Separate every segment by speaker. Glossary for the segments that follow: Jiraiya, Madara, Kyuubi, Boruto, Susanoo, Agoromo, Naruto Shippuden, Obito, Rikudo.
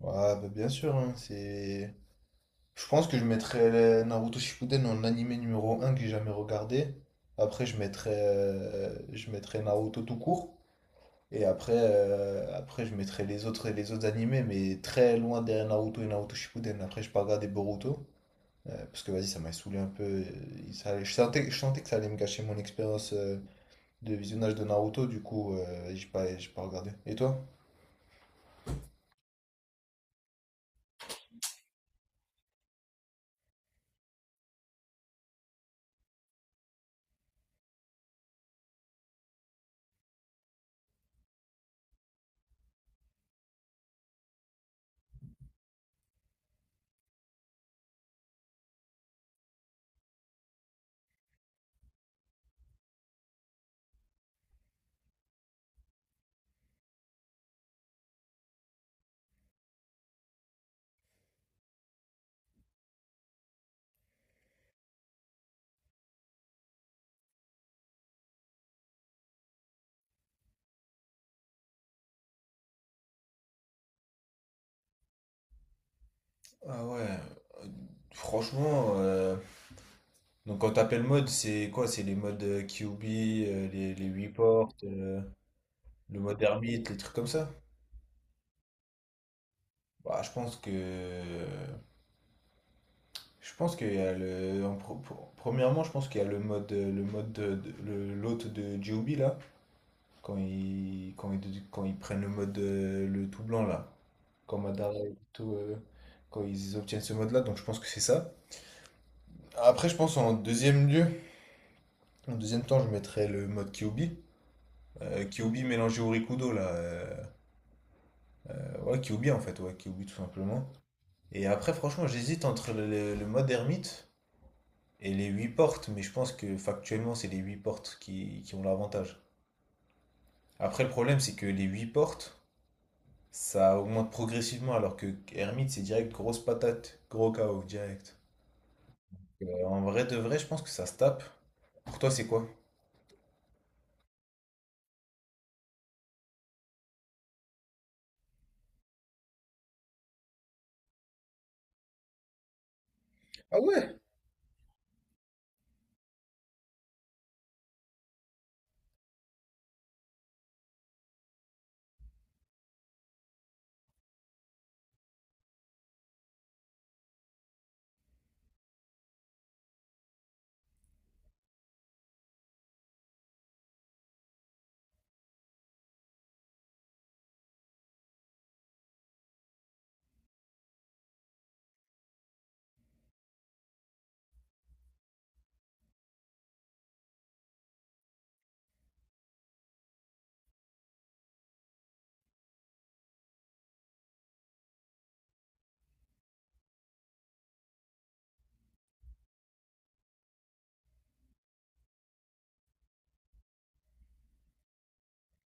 Speaker 1: Ouais, bah, bien sûr, hein, c'est... Je pense que je mettrais Naruto Shippuden en animé numéro un que j'ai jamais regardé. Après, je mettrais Naruto tout court. Et après, après je mettrais les autres animés, mais très loin derrière Naruto et Naruto Shippuden. Après, je pas regardé Boruto, parce que, vas-y, ça m'a saoulé un peu. Je sentais que ça allait me gâcher mon expérience de visionnage de Naruto. Du coup, j'ai pas regardé. Et toi? Ah ouais, euh, franchement, donc quand t'appelles mode, c'est quoi? C'est les modes QB, les reports, le mode ermite, les trucs comme ça? Bah, je pense que je pense qu'il y a le premièrement, je pense qu'il y a le mode l'hôte de Joby là quand ils quand ils prennent le mode le tout blanc là, quand Madara et tout quand ils obtiennent ce mode là, donc je pense que c'est ça. Après, je pense en deuxième lieu, en deuxième temps, je mettrais le mode QB, QB mélangé au Rikudo là. Ouais, Kyuubi en fait, ouais, Kyuubi tout simplement. Et après, franchement, j'hésite entre le mode ermite et les 8 portes, mais je pense que factuellement, c'est les 8 portes qui ont l'avantage. Après, le problème, c'est que les 8 portes, ça augmente progressivement, alors que ermite, c'est direct grosse patate, gros chaos, direct. En vrai de vrai, je pense que ça se tape. Pour toi, c'est quoi? Ah ouais?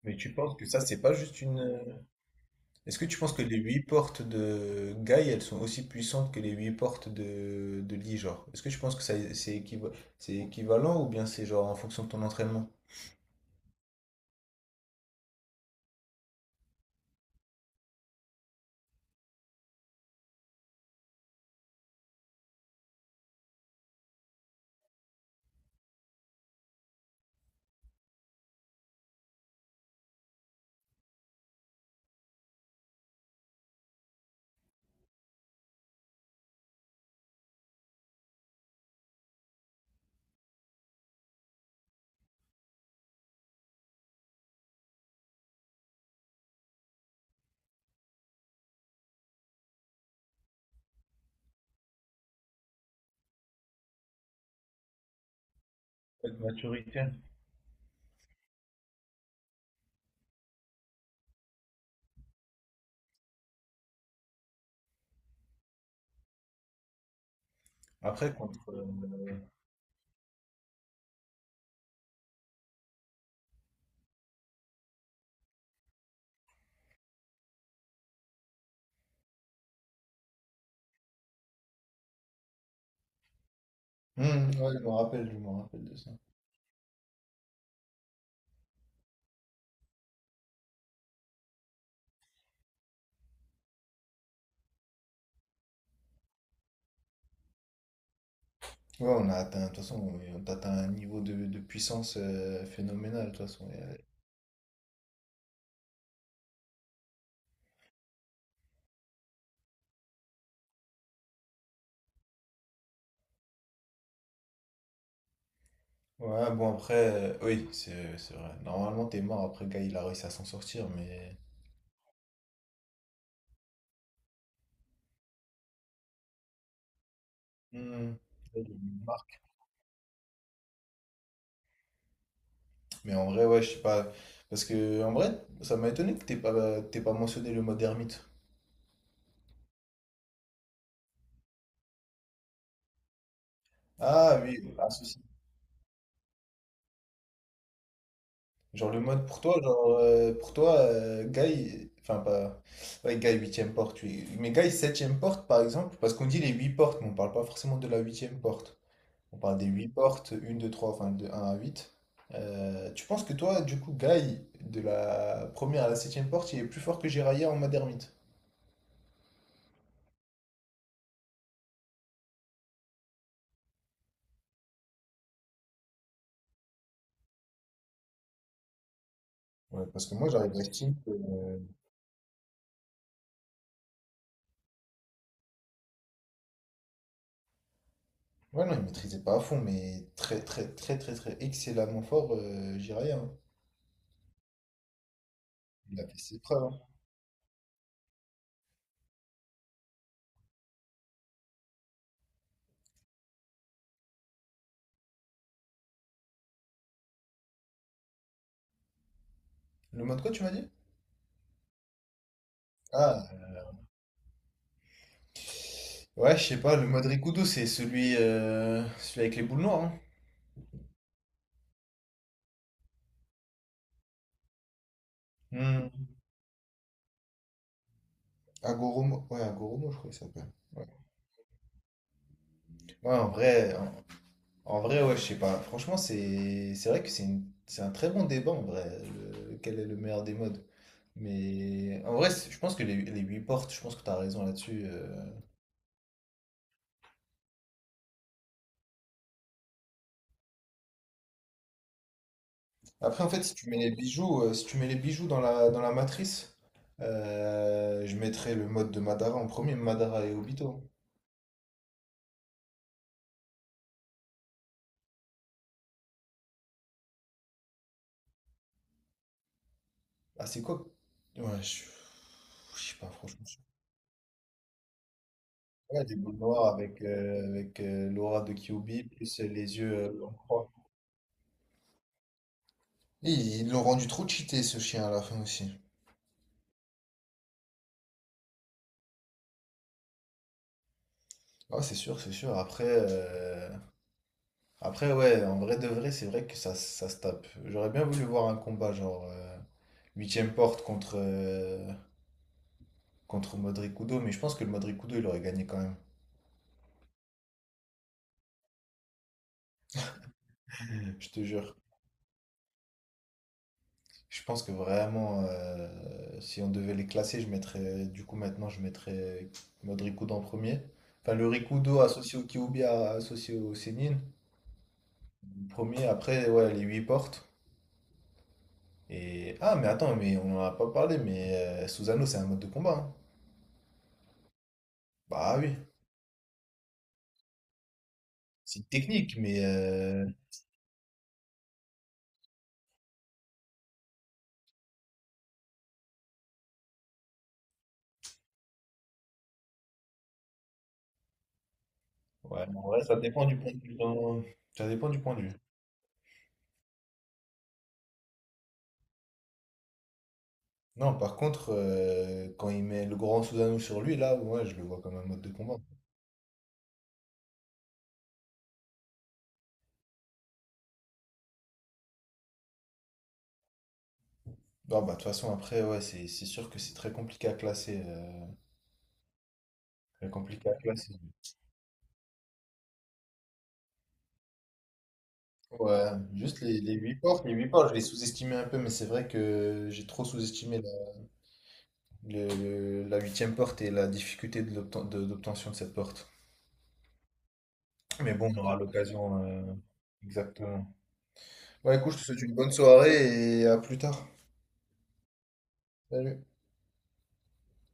Speaker 1: Mais tu penses que ça, c'est pas juste une. Est-ce que tu penses que les huit portes de Guy, elles sont aussi puissantes que les huit portes de Lee, genre? Est-ce que tu penses que ça, c'est équivalent ou bien c'est genre en fonction de ton entraînement? Ouais, de maturité. Après, contre... hmm, ouais, je me rappelle de ça. Ouais, on a atteint, de toute façon, on a atteint un niveau de puissance phénoménal, de toute façon. Et, ouais, bon, après, oui, c'est vrai. Normalement, t'es mort après Guy, il a réussi à s'en sortir, mais... Hmm. Mais en vrai, ouais, je sais pas. Parce que, en vrai, ça m'a étonné que t'aies pas mentionné le mode ermite. Ah oui, ah, si, si. Genre le mode pour toi, genre, pour toi, Guy, enfin pas. Ouais, Guy, huitième porte, oui. Mais Guy, septième porte, par exemple, parce qu'on dit les 8 portes, mais on parle pas forcément de la huitième porte. On parle des 8 portes, une 2 3 enfin de 1 à huit. Tu penses que toi, du coup, Guy, de la première à la septième porte, il est plus fort que Jiraiya en mode ermite? Ouais, parce que moi, j'arrive à estimer. Ouais, non, il maîtrisait pas à fond, mais très excellemment fort, Jiraiya, hein. Il a fait ses preuves, hein. Le mode quoi, tu m'as dit? Ah, ouais, je sais pas, le mode Rikudo, c'est celui, celui avec les boules noires. Hein. Hmm. Agoromo, ouais, Agoromo, je crois qu'il s'appelle. Ouais. Ouais, en vrai, en, en vrai, ouais, je sais pas. Franchement, c'est vrai que c'est un très bon débat, en vrai, le- quel est le meilleur des modes. Mais en vrai, c'est- je pense que les 8 portes, je pense que t'as raison là-dessus. Euh, après, en fait, si tu mets les bijoux, si tu mets les bijoux dans dans la matrice, je mettrais le mode de Madara en premier, Madara et Obito. Ah, c'est quoi? Ouais, je sais pas, franchement. Je- ouais, des boules noires avec, avec l'aura de Kyuubi, plus les yeux en croix. Et ils l'ont rendu trop cheaté, ce chien, à la fin aussi. Ah, c'est sûr, c'est sûr. Après, après, ouais, en vrai de vrai, c'est vrai que ça se tape. J'aurais bien voulu voir un combat genre huitième porte contre, contre Modric-Kudo, mais je pense que le Modric-Kudo, il aurait gagné quand même. Mm. Je te jure. Je pense que vraiment, si on devait les classer, je mettrais, du coup, maintenant, je mettrais Modric-Kudo en premier. Enfin, le Rikudo associé au Kiubia, associé au Sénine. Premier, après, ouais, les huit portes. Et... ah, mais attends, mais on n'en a pas parlé, mais Susano, c'est un mode de combat, hein. Bah oui, c'est une technique, mais ouais, en vrai, ça dépend du point de vue. Ça dépend du point de vue. Non, par contre, quand il met le grand Susanoo sur lui, là, ouais, je le vois comme un mode de combat. Non, bah, de toute façon, après, ouais, c'est sûr que c'est très compliqué à classer. Très compliqué à classer. Ouais, juste les 8 portes, les 8 portes, je les sous-estimais un peu, mais c'est vrai que j'ai trop sous-estimé le- la huitième porte et la difficulté de d'obtention de cette porte. Mais bon, on aura l'occasion, exactement. Ouais, écoute, je te souhaite une bonne soirée et à plus tard. Salut.